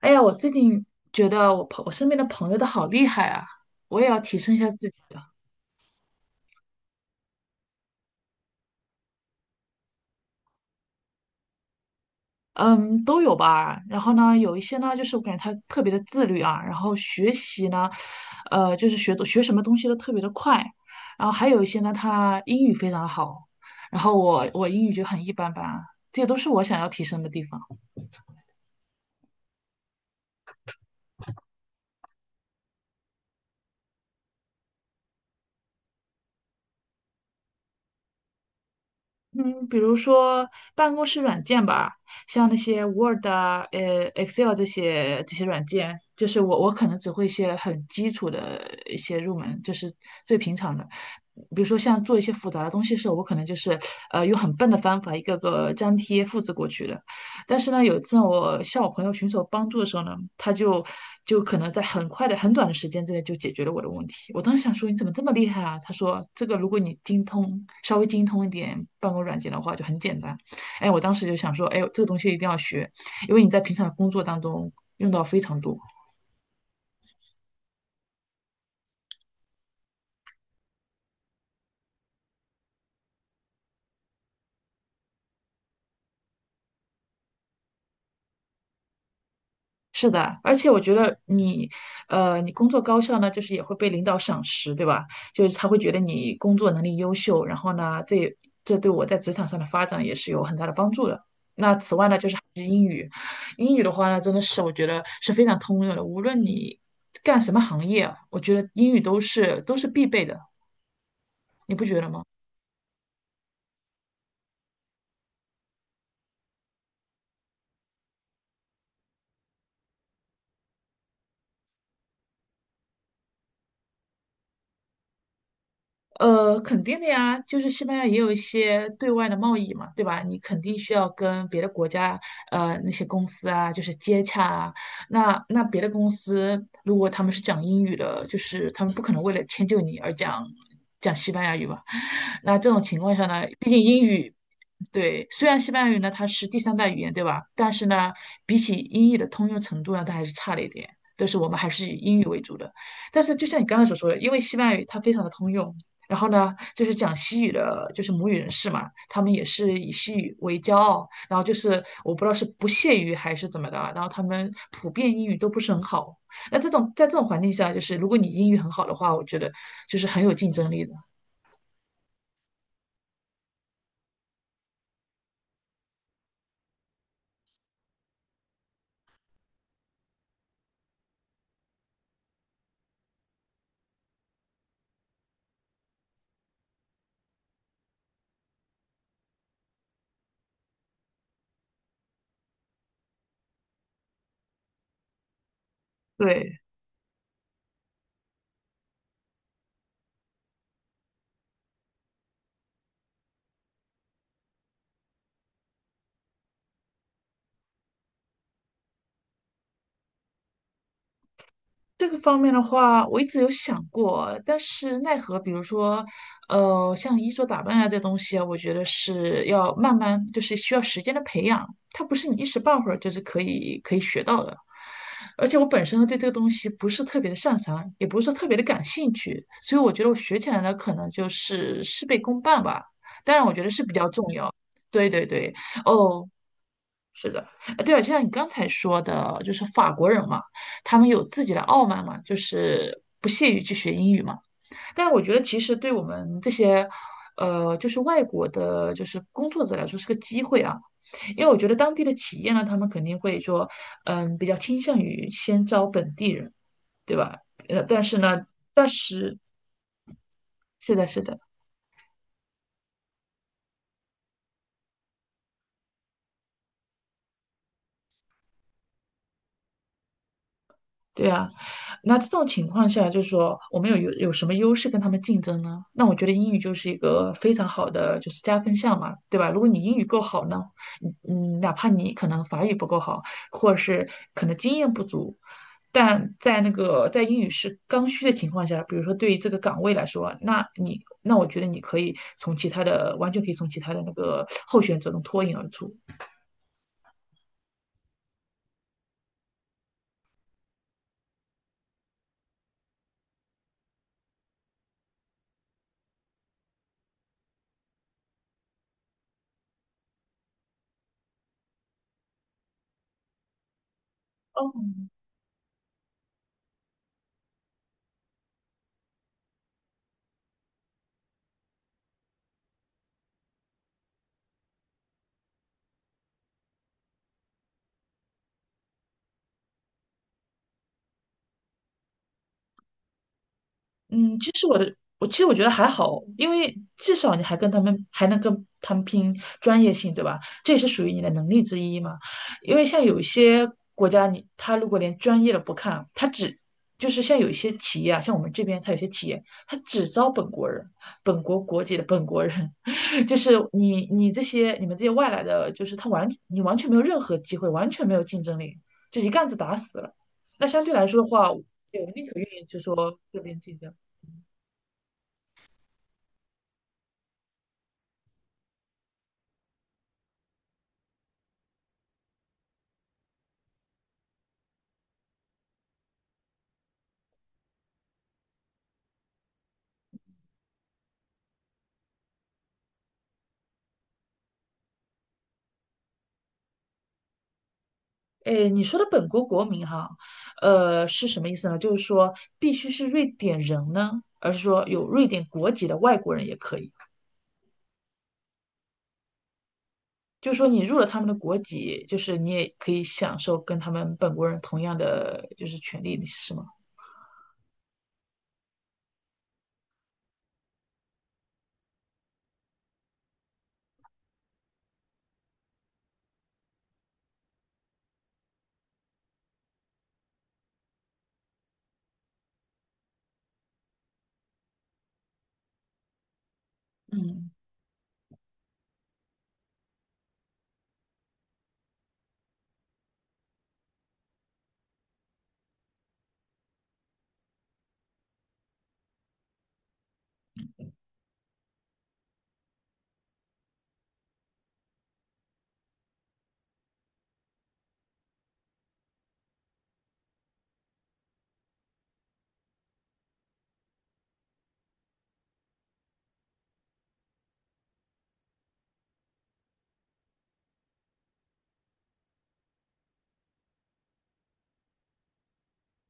哎呀，我最近觉得我身边的朋友都好厉害啊，我也要提升一下自己的。嗯，都有吧。然后呢，有一些呢，就是我感觉他特别的自律啊，然后学习呢，就是学什么东西都特别的快。然后还有一些呢，他英语非常好，然后我英语就很一般般啊，这些都是我想要提升的地方。嗯，比如说办公室软件吧，像那些 Word 啊、Excel 这些软件，就是我可能只会一些很基础的一些入门，就是最平常的。比如说像做一些复杂的东西的时候，我可能就是用很笨的方法一个个粘贴复制过去的。但是呢，有一次我向我朋友寻求帮助的时候呢，他可能在很快的、很短的时间之内就解决了我的问题。我当时想说，你怎么这么厉害啊？他说，这个如果你稍微精通一点办公软件的话，就很简单。哎，我当时就想说，哎，这个东西一定要学，因为你在平常工作当中用到非常多。是的，而且我觉得你，你工作高效呢，就是也会被领导赏识，对吧？就是他会觉得你工作能力优秀，然后呢，这对我在职场上的发展也是有很大的帮助的。那此外呢，就是还是英语，英语的话呢，真的是我觉得是非常通用的，无论你干什么行业啊我觉得英语都是必备的，你不觉得吗？呃，肯定的呀，就是西班牙也有一些对外的贸易嘛，对吧？你肯定需要跟别的国家，呃，那些公司啊，就是接洽啊。那别的公司如果他们是讲英语的，就是他们不可能为了迁就你而讲西班牙语吧？那这种情况下呢，毕竟英语。对，虽然西班牙语呢它是第三代语言，对吧？但是呢，比起英语的通用程度呢，它还是差了一点。但是我们还是以英语为主的。但是就像你刚才所说的，因为西班牙语它非常的通用，然后呢，就是讲西语的，就是母语人士嘛，他们也是以西语为骄傲，然后就是我不知道是不屑于还是怎么的啊，然后他们普遍英语都不是很好。那这种在这种环境下，就是如果你英语很好的话，我觉得就是很有竞争力的。对。这个方面的话，我一直有想过，但是奈何，比如说，呃，像衣着打扮啊这东西啊，我觉得是要慢慢，就是需要时间的培养，它不是你一时半会儿就是可以学到的。而且我本身呢对这个东西不是特别的擅长，也不是说特别的感兴趣，所以我觉得我学起来呢，可能就是事倍功半吧。当然，我觉得是比较重要。对对对，哦，是的，呃，对了，就像你刚才说的，就是法国人嘛，他们有自己的傲慢嘛，就是不屑于去学英语嘛。但是我觉得，其实对我们这些，呃，就是外国的，就是工作者来说是个机会啊。因为我觉得当地的企业呢，他们肯定会说，嗯，比较倾向于先招本地人，对吧？呃，但是呢，但是是的，是的。对啊，那这种情况下，就是说我们有什么优势跟他们竞争呢？那我觉得英语就是一个非常好的就是加分项嘛，对吧？如果你英语够好呢，嗯，哪怕你可能法语不够好，或者是可能经验不足，但在那个在英语是刚需的情况下，比如说对于这个岗位来说啊，那我觉得你可以从其他的完全可以从其他的那个候选者中脱颖而出。哦，嗯，其实。我觉得还好，因为至少你还能跟他们拼专业性，对吧？这也是属于你的能力之一嘛。因为像有一些国家你，他如果连专业的不看，就是像有一些企业啊，像我们这边，他有些企业他只招本国人、本国国籍的本国人，就是你们这些外来的，就是你完全没有任何机会，完全没有竞争力，就一竿子打死了。那相对来说的话，对我宁可愿意就说这边竞争。诶，你说的本国国民哈，呃，是什么意思呢？就是说必须是瑞典人呢，而是说有瑞典国籍的外国人也可以。就是说你入了他们的国籍，就是你也可以享受跟他们本国人同样的就是权利，是吗？嗯，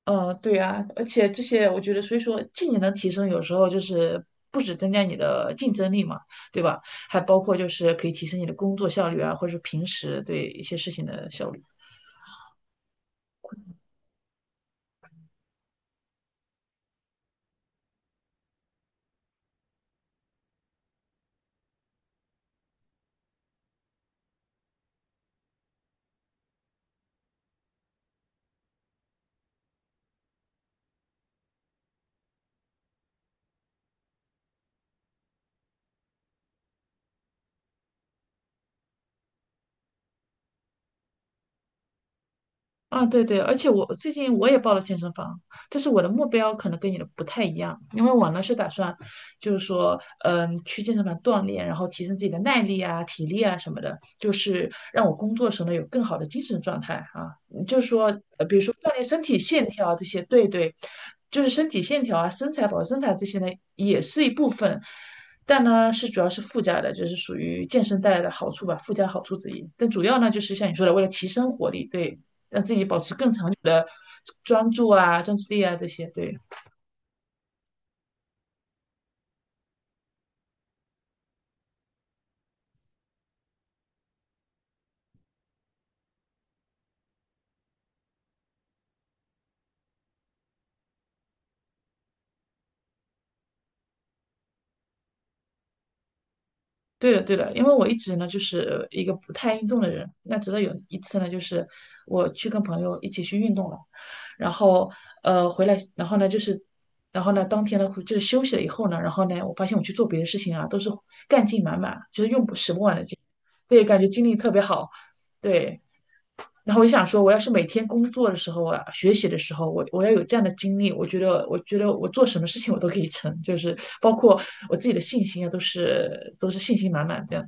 呃，对啊，而且这些我觉得，所以说技能的提升有时候就是不止增加你的竞争力嘛，对吧？还包括就是可以提升你的工作效率啊，或者是平时对一些事情的效率。啊，对对，而且我最近也报了健身房，但是我的目标可能跟你的不太一样，因为我呢是打算，就是说，嗯，去健身房锻炼，然后提升自己的耐力啊、体力啊什么的，就是让我工作时呢有更好的精神状态啊，就是说，呃，比如说锻炼身体线条啊这些，对对，就是身体线条啊、身材保持身材这些呢也是一部分，但呢是主要是附加的，就是属于健身带来的好处吧，附加好处之一。但主要呢就是像你说的，为了提升活力，对。让自己保持更长久的专注啊、专注力啊这些。对，对的，对的，因为我一直呢就是一个不太运动的人，那直到有一次呢，就是我去跟朋友一起去运动了，然后回来，然后呢就是。然后呢，当天呢就是休息了以后呢，然后呢，我发现我去做别的事情啊，都是干劲满满，就是用不使不完的劲，对，感觉精力特别好，对。然后我就想说，我要是每天工作的时候啊，学习的时候，我要有这样的精力，我觉得，我觉得我做什么事情我都可以成，就是包括我自己的信心啊，都是信心满满这样。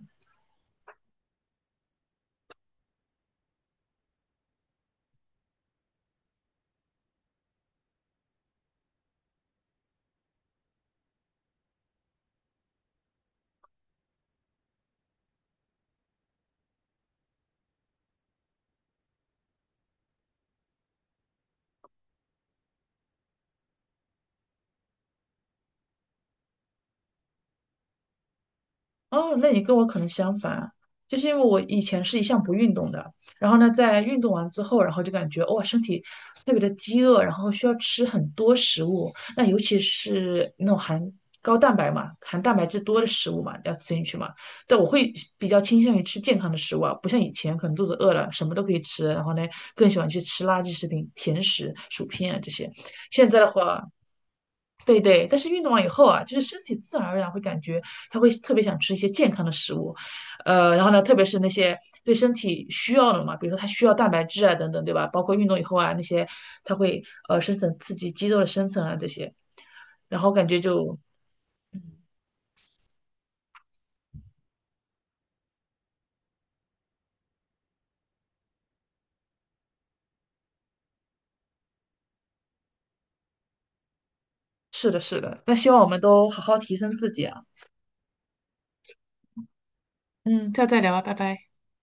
哦，那你跟我可能相反，就是因为我以前是一向不运动的，然后呢，在运动完之后，然后就感觉哇，身体特别的饥饿，然后需要吃很多食物，那尤其是那种含高蛋白嘛、含蛋白质多的食物嘛，要吃进去嘛。但我会比较倾向于吃健康的食物啊，不像以前可能肚子饿了什么都可以吃，然后呢，更喜欢去吃垃圾食品、甜食、薯片啊这些。现在的话，对对，但是运动完以后啊，就是身体自然而然会感觉他会特别想吃一些健康的食物，呃，然后呢，特别是那些对身体需要的嘛，比如说他需要蛋白质啊等等，对吧？包括运动以后啊，那些他会生成刺激肌肉的生成啊这些，然后感觉就是的，是的。那希望我们都好好提升自己啊，嗯，下次再聊吧，拜拜。